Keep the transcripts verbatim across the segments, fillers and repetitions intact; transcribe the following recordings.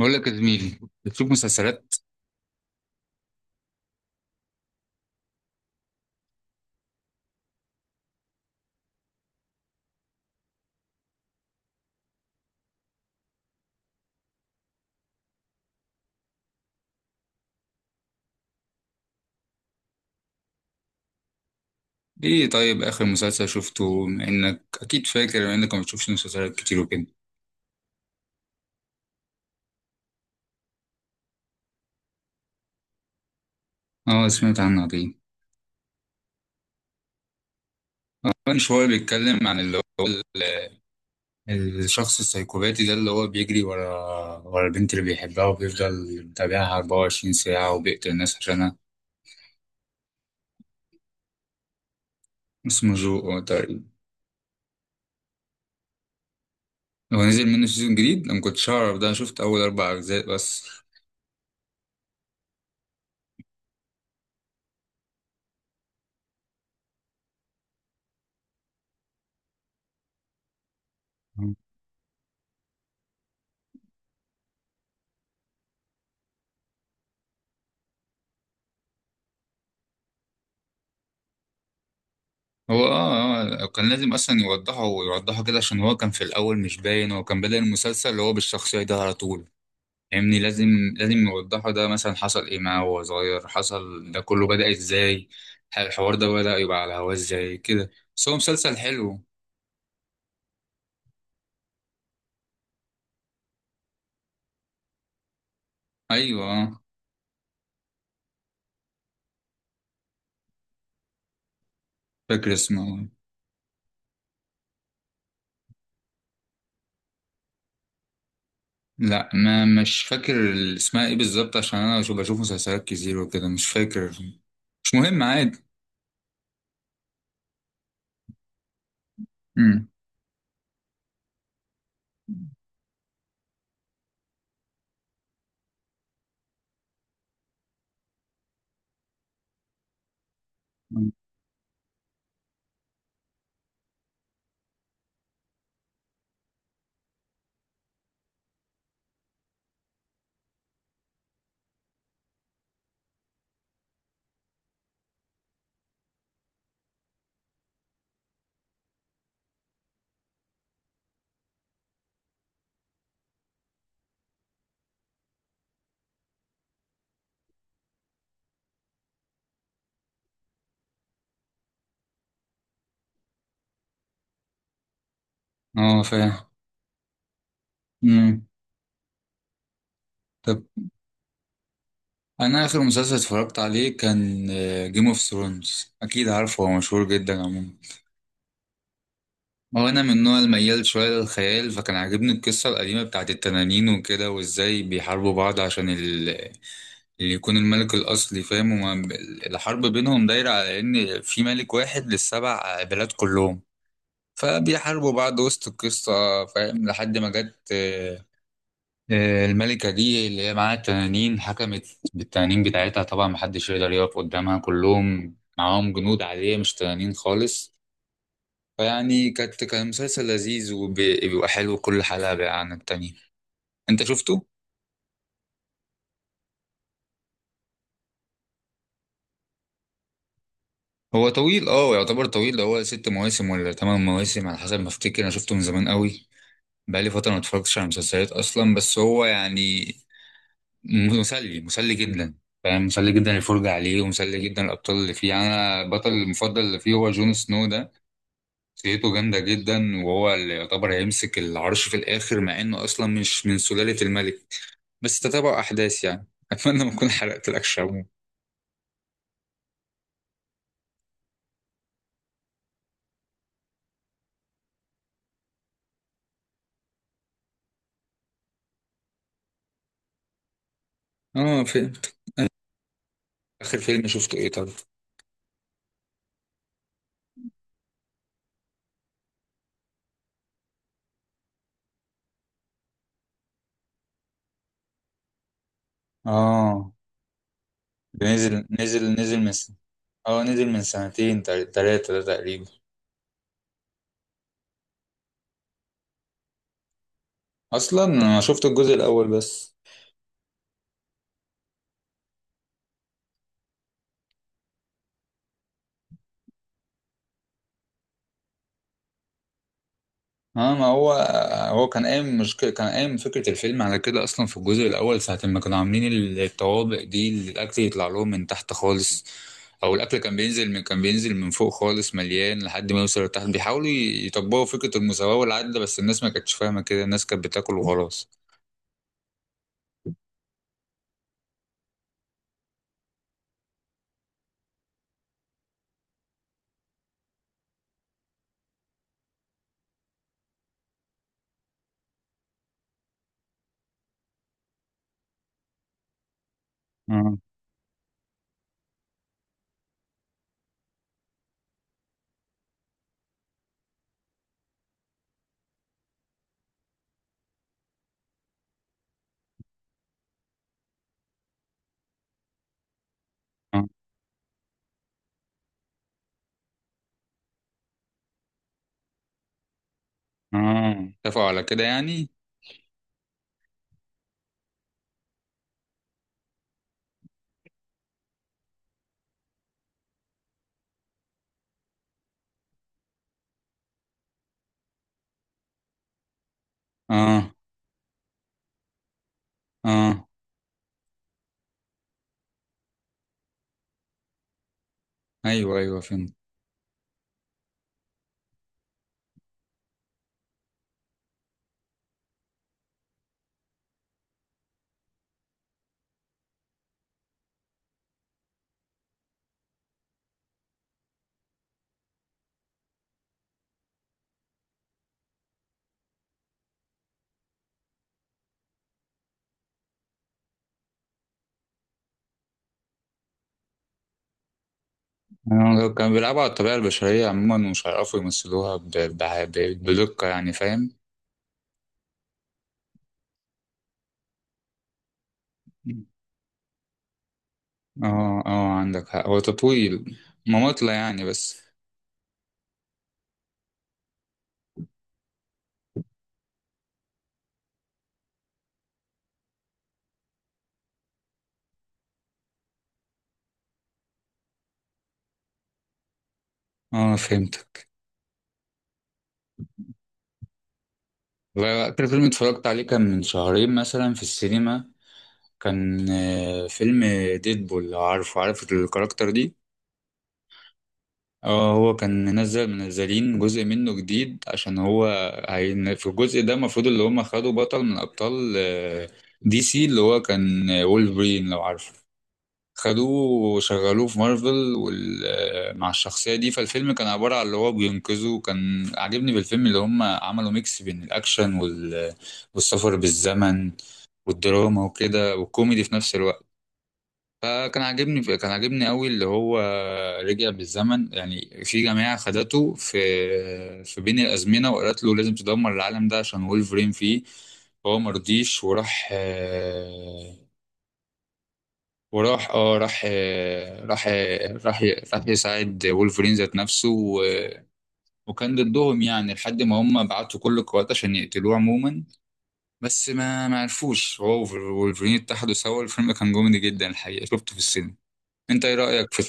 بقول لك يا زميلي. بتشوف مسلسلات؟ ايه طيب، اخر مسلسل شفته؟ بما انك اكيد فاكر، بما انك ما بتشوفش مسلسلات كتير وكده. اه سمعت عنه، عظيم. آه، كان شويه بيتكلم عن اللي هو ال- الشخص السايكوباتي ده اللي هو بيجري ورا ورا البنت اللي بيحبها وبيفضل يتابعها أربعة وعشرين ساعة ساعه وبيقتل الناس عشانها. اسمه جو، آه، تقريبا. هو نزل منه سيزون جديد؟ انا ما كنتش اعرف ده، أنا شفت اول اربع اجزاء بس. هو اه آه، كان لازم اصلا يوضحه ويوضحه كده، عشان هو كان في الاول مش باين. هو كان بدأ المسلسل اللي هو بالشخصيه ده على طول، فاهمني؟ لازم لازم يوضحه ده مثلا، حصل ايه معاه وهو صغير، حصل ده كله، بدأ ازاي الحوار ده، بدأ يبقى على هواه ازاي كده. بس هو مسلسل حلو. ايوه آه، فاكر اسمه. لا، ما مش فاكر. اسمها ايه بالظبط؟ عشان انا بشوف بشوف مسلسلات كتير وكده، مش فاكر. مش مهم، عادي. امم. اه فاهم. امم. انا اخر مسلسل اتفرجت عليه كان جيم اوف ثرونز، اكيد عارفه، هو مشهور جدا عموما. هو انا من النوع الميال شويه للخيال، فكان عاجبني القصه القديمه بتاعت التنانين وكده، وازاي بيحاربوا بعض عشان ال... اللي يكون الملك الاصلي، فاهم؟ وما... الحرب بينهم دايره على ان في ملك واحد للسبع بلاد كلهم، فبيحاربوا بعض وسط القصه، فاهم؟ لحد ما جت آه، آه، الملكة دي اللي هي معاها التنانين، حكمت بالتنانين بتاعتها. طبعا محدش يقدر يقف قدامها، كلهم معاهم جنود عادية مش تنانين خالص. فيعني كانت كان مسلسل لذيذ، وبيبقى حلو كل حلقة بقى عن التانية. انت شفته؟ هو طويل، اه يعتبر طويل، ده هو ست مواسم ولا تمن مواسم على حسب ما افتكر، انا شفته من زمان قوي. بقالي فترة ما اتفرجتش على مسلسلات اصلا، بس هو يعني م- مسلي مسلي جدا، فاهم؟ مسلي جدا الفرجة عليه، ومسلي جدا الأبطال اللي فيه. يعني أنا البطل المفضل اللي فيه هو جون سنو ده، شخصيته جامدة جدا، وهو اللي يعتبر هيمسك العرش في الآخر، مع إنه أصلا مش من سلالة الملك. بس تتابع أحداث يعني، أتمنى ما أكون حرقت لك، شابو. آه في آخر فيلم شفته إيه طيب؟ آه ده نزل نزل نزل من س- آه نزل من سنتين تل- تلاتة ده تقريبا. أصلا أنا شفت الجزء الأول بس. اه ما هو هو كان قايم، مش كان قايم فكرة الفيلم على كده أصلا في الجزء الأول، ساعة ما كانوا عاملين الطوابق دي اللي الأكل يطلع لهم من تحت خالص. أو الأكل كان بينزل من، كان بينزل من فوق خالص مليان لحد ما يوصل لتحت، بيحاولوا يطبقوا فكرة المساواة والعدل، بس الناس ما كانتش فاهمة كده، الناس كانت بتاكل وخلاص. اه اه اه، اتفقوا على كده يعني. اه اه، أيوه أيوه فهمت. آه، كانوا بيلعبوا على الطبيعة البشرية عموما، ومش هيعرفوا يمثلوها ب- ب- ب- بدقة يعني، فاهم؟ اه اه عندك حق، هو طويل. مماطلة يعني بس. اه فهمتك. والله، آخر فيلم اتفرجت عليه كان من شهرين مثلا في السينما، كان آه، فيلم ديدبول، لو عارفه، عارف الكاركتر دي. اه، هو كان منزل، منزلين جزء منه جديد، عشان هو هين في الجزء ده. المفروض اللي هم خدوا بطل من أبطال آه، دي سي، اللي هو كان آه، وولفرين، لو عارفه. خدوه وشغلوه في مارفل وال... آه، مع الشخصية دي. فالفيلم كان عبارة عن اللي هو بينقذه، وكان عاجبني بالفيلم اللي هم عملوا ميكس بين الأكشن وال... والسفر بالزمن والدراما وكده، والكوميدي في نفس الوقت. فكان عاجبني، كان عاجبني قوي اللي هو رجع بالزمن. يعني في جماعة خدته في في بين الأزمنة، وقالت له لازم تدمر العالم ده عشان وولفرين فيه. فهو مرضيش، وراح وراح اه راح آه، راح آه، راح راح يساعد وولفرين ذات نفسه، و... وكان ضدهم يعني، لحد ما هم بعتوا كل القوات عشان يقتلوه عموما. بس ما ما عرفوش، هو وولفرين اتحدوا سوا. الفيلم كان كوميدي جدا الحقيقة، شفته في السينما. انت ايه رأيك في...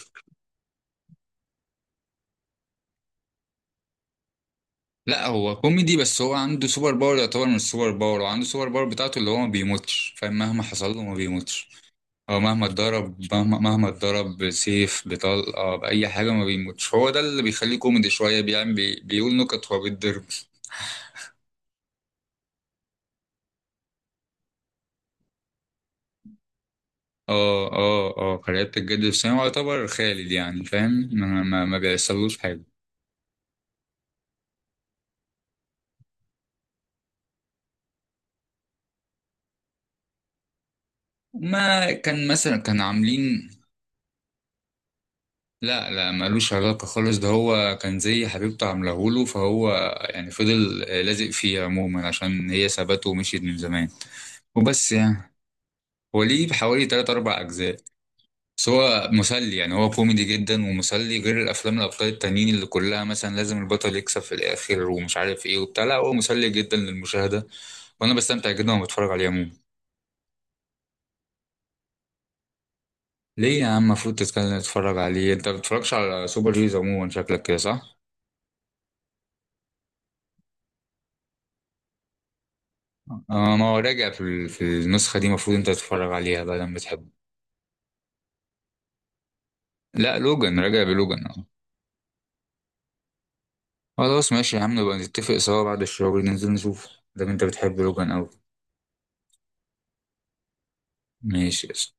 لا هو كوميدي، بس هو عنده سوبر باور، يعتبر من السوبر باور، وعنده سوبر باور بتاعته اللي هو ما بيموتش، فاهم؟ مهما حصل له ما بيموتش. هو مهما اتضرب، مهما مهما اتضرب بسيف، بطلقة، بأي حاجة، ما بيموتش. هو ده اللي بيخليه كوميدي شوية، بيعمل بي... بيقول نكت وهو بيتضرب. اه اه اه قرية الجد السنة، هو يعتبر خالد يعني، فاهم؟ ما, ما, ما بيحصلوش حاجة. ما كان مثلا كان عاملين... لا لا، مالوش علاقة خالص، ده هو كان زي حبيبته عاملهوله، فهو يعني فضل لازق فيه عموما عشان هي سابته ومشيت من زمان، وبس يعني. هو ليه حوالي تلات أربع أجزاء، بس هو مسلي يعني، هو كوميدي جدا ومسلي، غير الافلام الابطال التانيين اللي كلها مثلا لازم البطل يكسب في الاخر ومش عارف ايه وبتاع. لا هو مسلي جدا للمشاهده، وانا بستمتع جدا وانا بتفرج عليه عموما. ليه يا عم؟ المفروض تتكلم، تتفرج عليه. انت ما بتتفرجش على سوبر هيروز عموما، شكلك كده صح؟ اه ما هو راجع، في, ال- في النسخه دي المفروض انت تتفرج عليها بقى لما تحب. لا لوجان، راجع بلوجان، اه. خلاص ماشي يا عم، نبقى نتفق سوا بعد الشغل ننزل نشوف. ده انت بتحب لوجان اوي. ماشي.